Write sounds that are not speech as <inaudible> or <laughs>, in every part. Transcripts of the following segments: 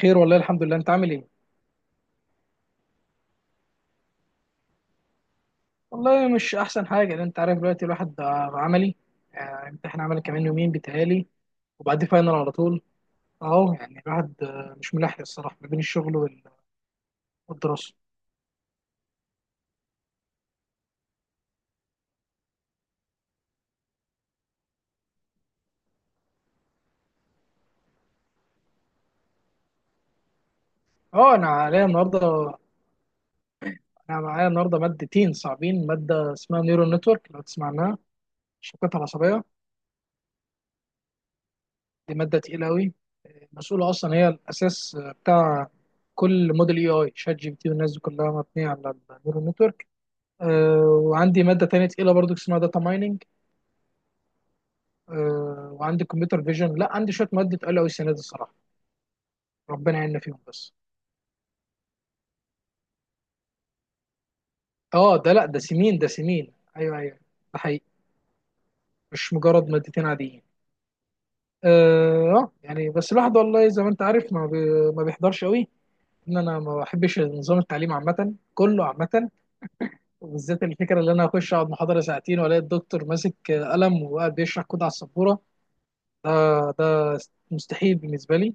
خير والله الحمد لله. انت عامل ايه؟ والله مش احسن حاجه، لان انت عارف دلوقتي الواحد بقى عملي. امتحان عملي كمان يومين بيتهيألي، وبعد فاينل على طول. اهو يعني الواحد مش ملاحق الصراحه ما بين الشغل والدراسه. اه، انا عليا النهارده، انا معايا النهارده مادتين صعبين. ماده اسمها نيورال نتورك، لو تسمع عنها، الشبكات العصبيه. دي ماده تقيله قوي، مسؤوله اصلا، هي الاساس بتاع كل موديل اي اي، شات جي بي تي والناس دي كلها مبنيه على النيورال نتورك. آه، وعندي ماده تانية تقيله برضو اسمها داتا مايننج. وعندي كمبيوتر فيجن. لا، عندي شويه مواد اتقال قوي السنه دي الصراحه، ربنا يعيننا فيهم بس. اه ده، لا ده سنين، ده سنين. ايوه، ايوه. ده حقيقي، مش مجرد مادتين عاديين. اه. يعني بس الواحد والله زي ما انت عارف ما بيحضرش قوي. ان انا ما بحبش نظام التعليم عامه، كله عامه. وبالذات الفكره اللي انا اخش اقعد محاضره ساعتين والاقي الدكتور ماسك قلم وقاعد بيشرح كود على السبوره، ده ده مستحيل بالنسبه لي.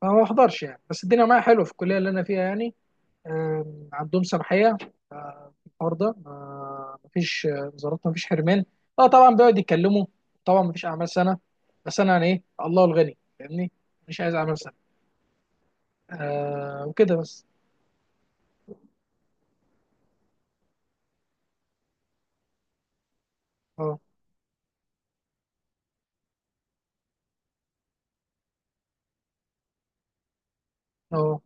فما بحضرش يعني. بس الدنيا معايا حلوه في الكليه اللي انا فيها يعني. عندهم سماحيه في الحوار ده. ما مفيش وزارات، مفيش حرمان. اه طبعا بيقعد يتكلموا، طبعا مفيش اعمال سنه. بس انا يعني ايه، الله الغني، فاهمني. مش عايز اعمال سنه. وكده بس. اه. اه.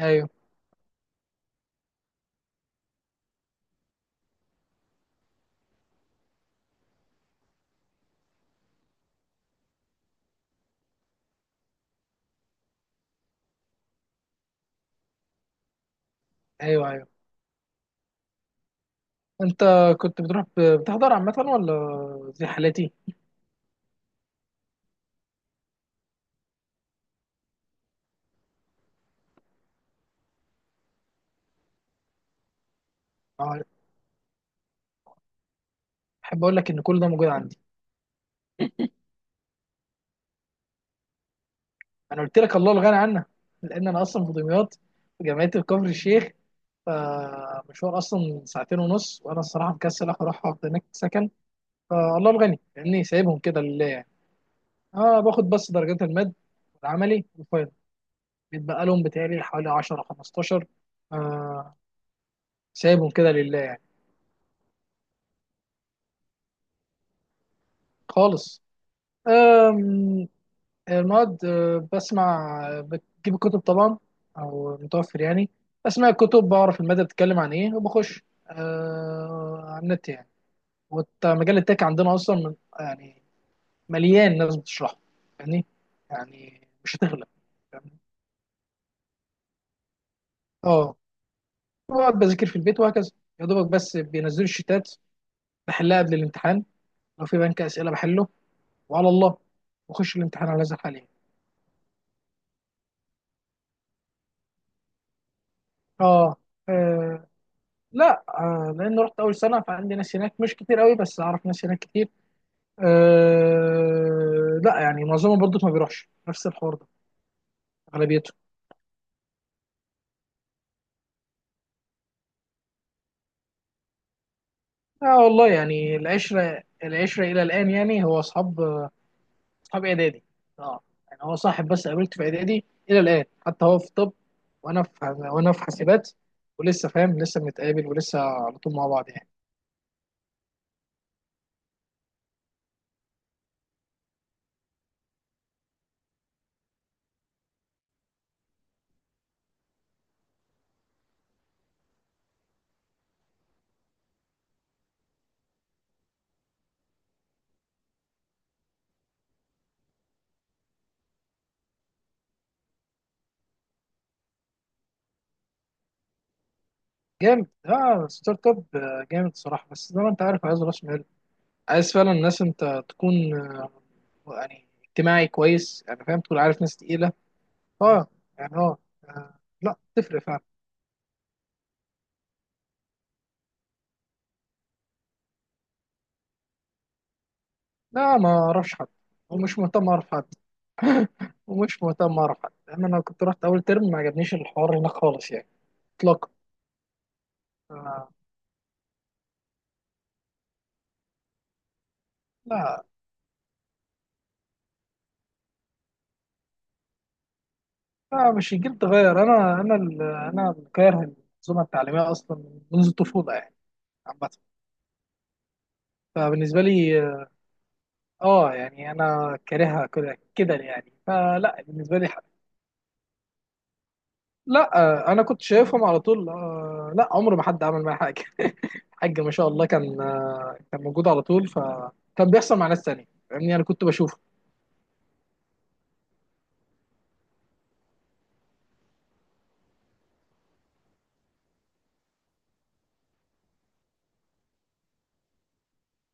ايوه، ايوه، ايوه. انت كنت بتروح بتحضر عامه ولا زي حالاتي؟ آه، احب اقول لك ان كل ده موجود عندي. انا قلت لك الله الغني عنها، لان انا اصلا في دمياط، في جامعه كفر الشيخ. فمشوار اصلا ساعتين ونص، وانا الصراحه مكسل اروح اقعد هناك سكن. فالله الغني، لاني سايبهم كده لله يعني. اه، باخد بس درجات المد والعملي والفاينل، بيتبقى لهم بتهيألي حوالي 10 15. آه سايبهم كده لله يعني. خالص. آه المواد بسمع، بجيب الكتب طبعا، او متوفر يعني. بسمع الكتب، بعرف المادة بتتكلم عن ايه، وبخش على النت يعني. ومجال التك عندنا اصلا من يعني، مليان ناس بتشرحه يعني. يعني مش هتغلب، فاهمني؟ اه، بقعد بذاكر في البيت وهكذا. يا دوبك بس بينزلوا الشتات، بحلها قبل الامتحان. لو في بنك اسئله بحله، وعلى الله، واخش الامتحان على هذا الحال يعني. اه. آه. لا، لان رحت اول سنه، فعندي ناس هناك مش كتير قوي، بس اعرف ناس هناك كتير. أه لا، يعني معظمهم برضه ما بيروحش، نفس الحوار ده. اغلبيته. اه والله يعني، العشره العشره الى الان. يعني هو اصحاب، اصحاب اعدادي. اه. يعني هو صاحب بس قابلته في اعدادي، الى الان. حتى هو في طب وانا في حاسبات. ولسه فاهم، لسه بنتقابل ولسه على طول مع بعض يعني. جامد، اه. ستارت اب، جامد صراحه. بس زي ما انت عارف، عايز راس مال، عايز فعلا ناس، انت تكون يعني اجتماعي كويس، يعني فاهم، تكون عارف ناس تقيلة. اه، يعني اه. لا تفرق فعلا. لا، ما اعرفش حد ومش مهتم اعرف حد. ومش مهتم اعرف حد، لان انا كنت رحت اول ترم ما عجبنيش الحوار هناك خالص يعني، اطلاقا. آه، لا، لا، مش الجيل تغير. انا انا اللي كاره المنظومة التعليمية اصلا منذ الطفولة يعني، عامة. فبالنسبة لي، اه، يعني انا كارهها كده كده يعني. فلا بالنسبة لي. لا. انا كنت شايفهم على طول لا عمر ما حد عمل معايا حاجه <laughs> الحاج ما شاء الله كان كان موجود على طول، فكان بيحصل مع ناس تانية، فاهمني، انا كنت بشوفه.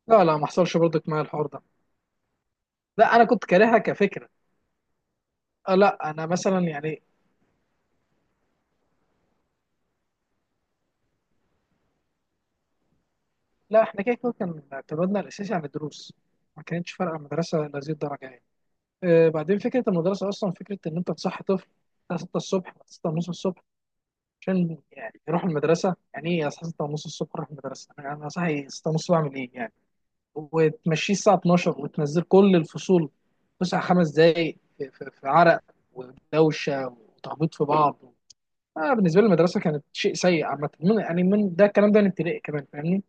لا، لا، ما حصلش برضك معايا الحوار ده. لا، انا كنت كارهها كفكره. لا، انا مثلا يعني. لا، احنا كده كده كان اعتمادنا الاساسي على الدروس، ما كانتش فارقه المدرسه لهذه الدرجه يعني. بعدين فكره المدرسه اصلا، فكره ان انت تصحي طفل الساعه 6 الصبح، 6 ونص الصبح، عشان يعني يروح المدرسه. يعني ايه الساعه 6 ونص الصبح اروح المدرسه؟ انا صاحي 6 ونص بعمل ايه يعني؟ وتمشيه الساعه 12، وتنزل كل الفصول فسحه 5 دقائق، في عرق ودوشه وتخبيط في بعض. بالنسبه لي المدرسه كانت شيء سيء عامه، من ده، الكلام ده من ابتدائي كمان، فاهمني.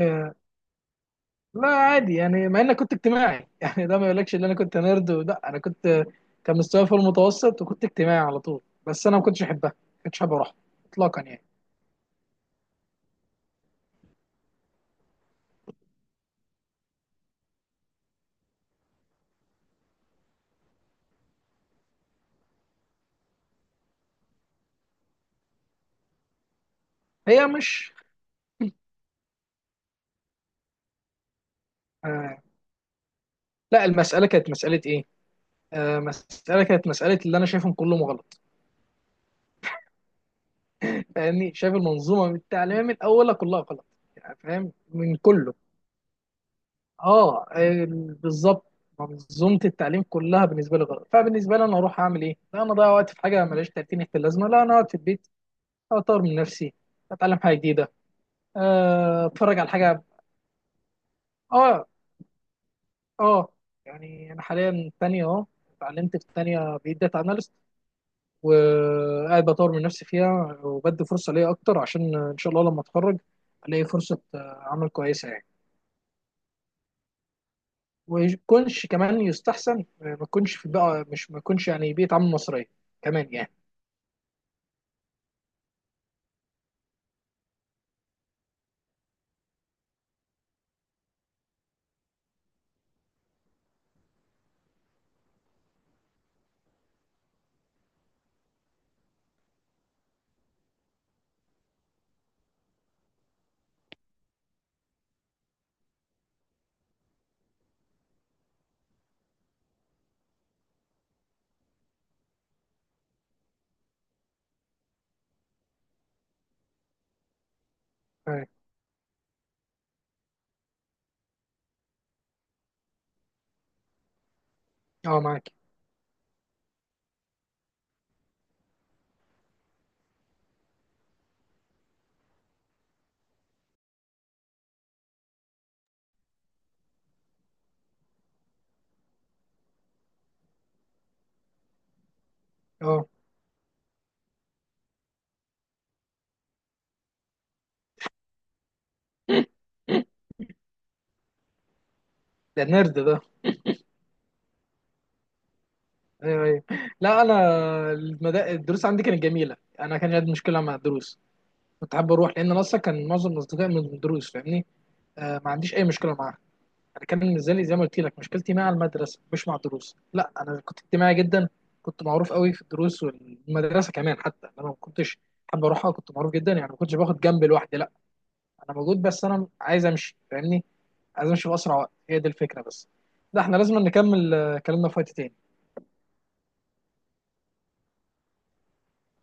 آه لا عادي يعني، مع اني كنت اجتماعي <laughs> يعني. ده ما يقولكش ان انا كنت نيرد، لا، انا كنت، كان مستواي في المتوسط، وكنت اجتماعي على طول. بس انا ما كنتش احبها، ما كنتش حابب اروح اطلاقا يعني. هي مش… آه لا، المساله كانت مساله ايه، مساله كانت مساله، اللي انا شايفهم كلهم غلط، فاهمني. شايف المنظومه التعليميه من اولها كلها غلط يعني، فاهم من كله. اه بالظبط. منظومه التعليم كلها بالنسبه لي غلط. فبالنسبه لي، انا اروح اعمل ايه؟ لا، انا اضيع وقت في حاجه ملهاش 30 في اللازمه؟ لا، انا اقعد في البيت اطور من نفسي، اتعلم حاجه جديده، اتفرج على حاجه. اه. اه. يعني انا حاليا تانية اهو، اتعلمت في التانية، بقيت داتا اناليست. وقاعد بطور من نفسي فيها، وبدي فرصه ليا اكتر، عشان ان شاء الله لما اتخرج الاقي فرصه عمل كويسه يعني. ويكونش كمان يستحسن ما يكونش في بقى، مش ما يكونش يعني بيئة عمل مصرية كمان يعني. اه. معاك. اه <laughs> ده نرد ده. ايوه، ايوه. لا انا، الدروس عندي كانت جميله. انا كان عندي مشكله مع الدروس، كنت حابب اروح، لان انا اصلا كان معظم اصدقائي من الدروس، فاهمني. ما عنديش اي مشكله معاها. انا كان بالنسبه لي زي ما قلت لك مشكلتي مع المدرسه، مش مع الدروس. لا، انا كنت اجتماعي جدا، كنت معروف قوي في الدروس والمدرسه كمان، حتى انا ما كنتش حابب اروحها، كنت معروف جدا يعني. ما كنتش باخد جنب لوحدي، لا، انا موجود، بس انا عايز امشي، فاهمني، عايز امشي باسرع وقت. هي دي الفكره بس. ده احنا لازم نكمل كلامنا في وقت تاني.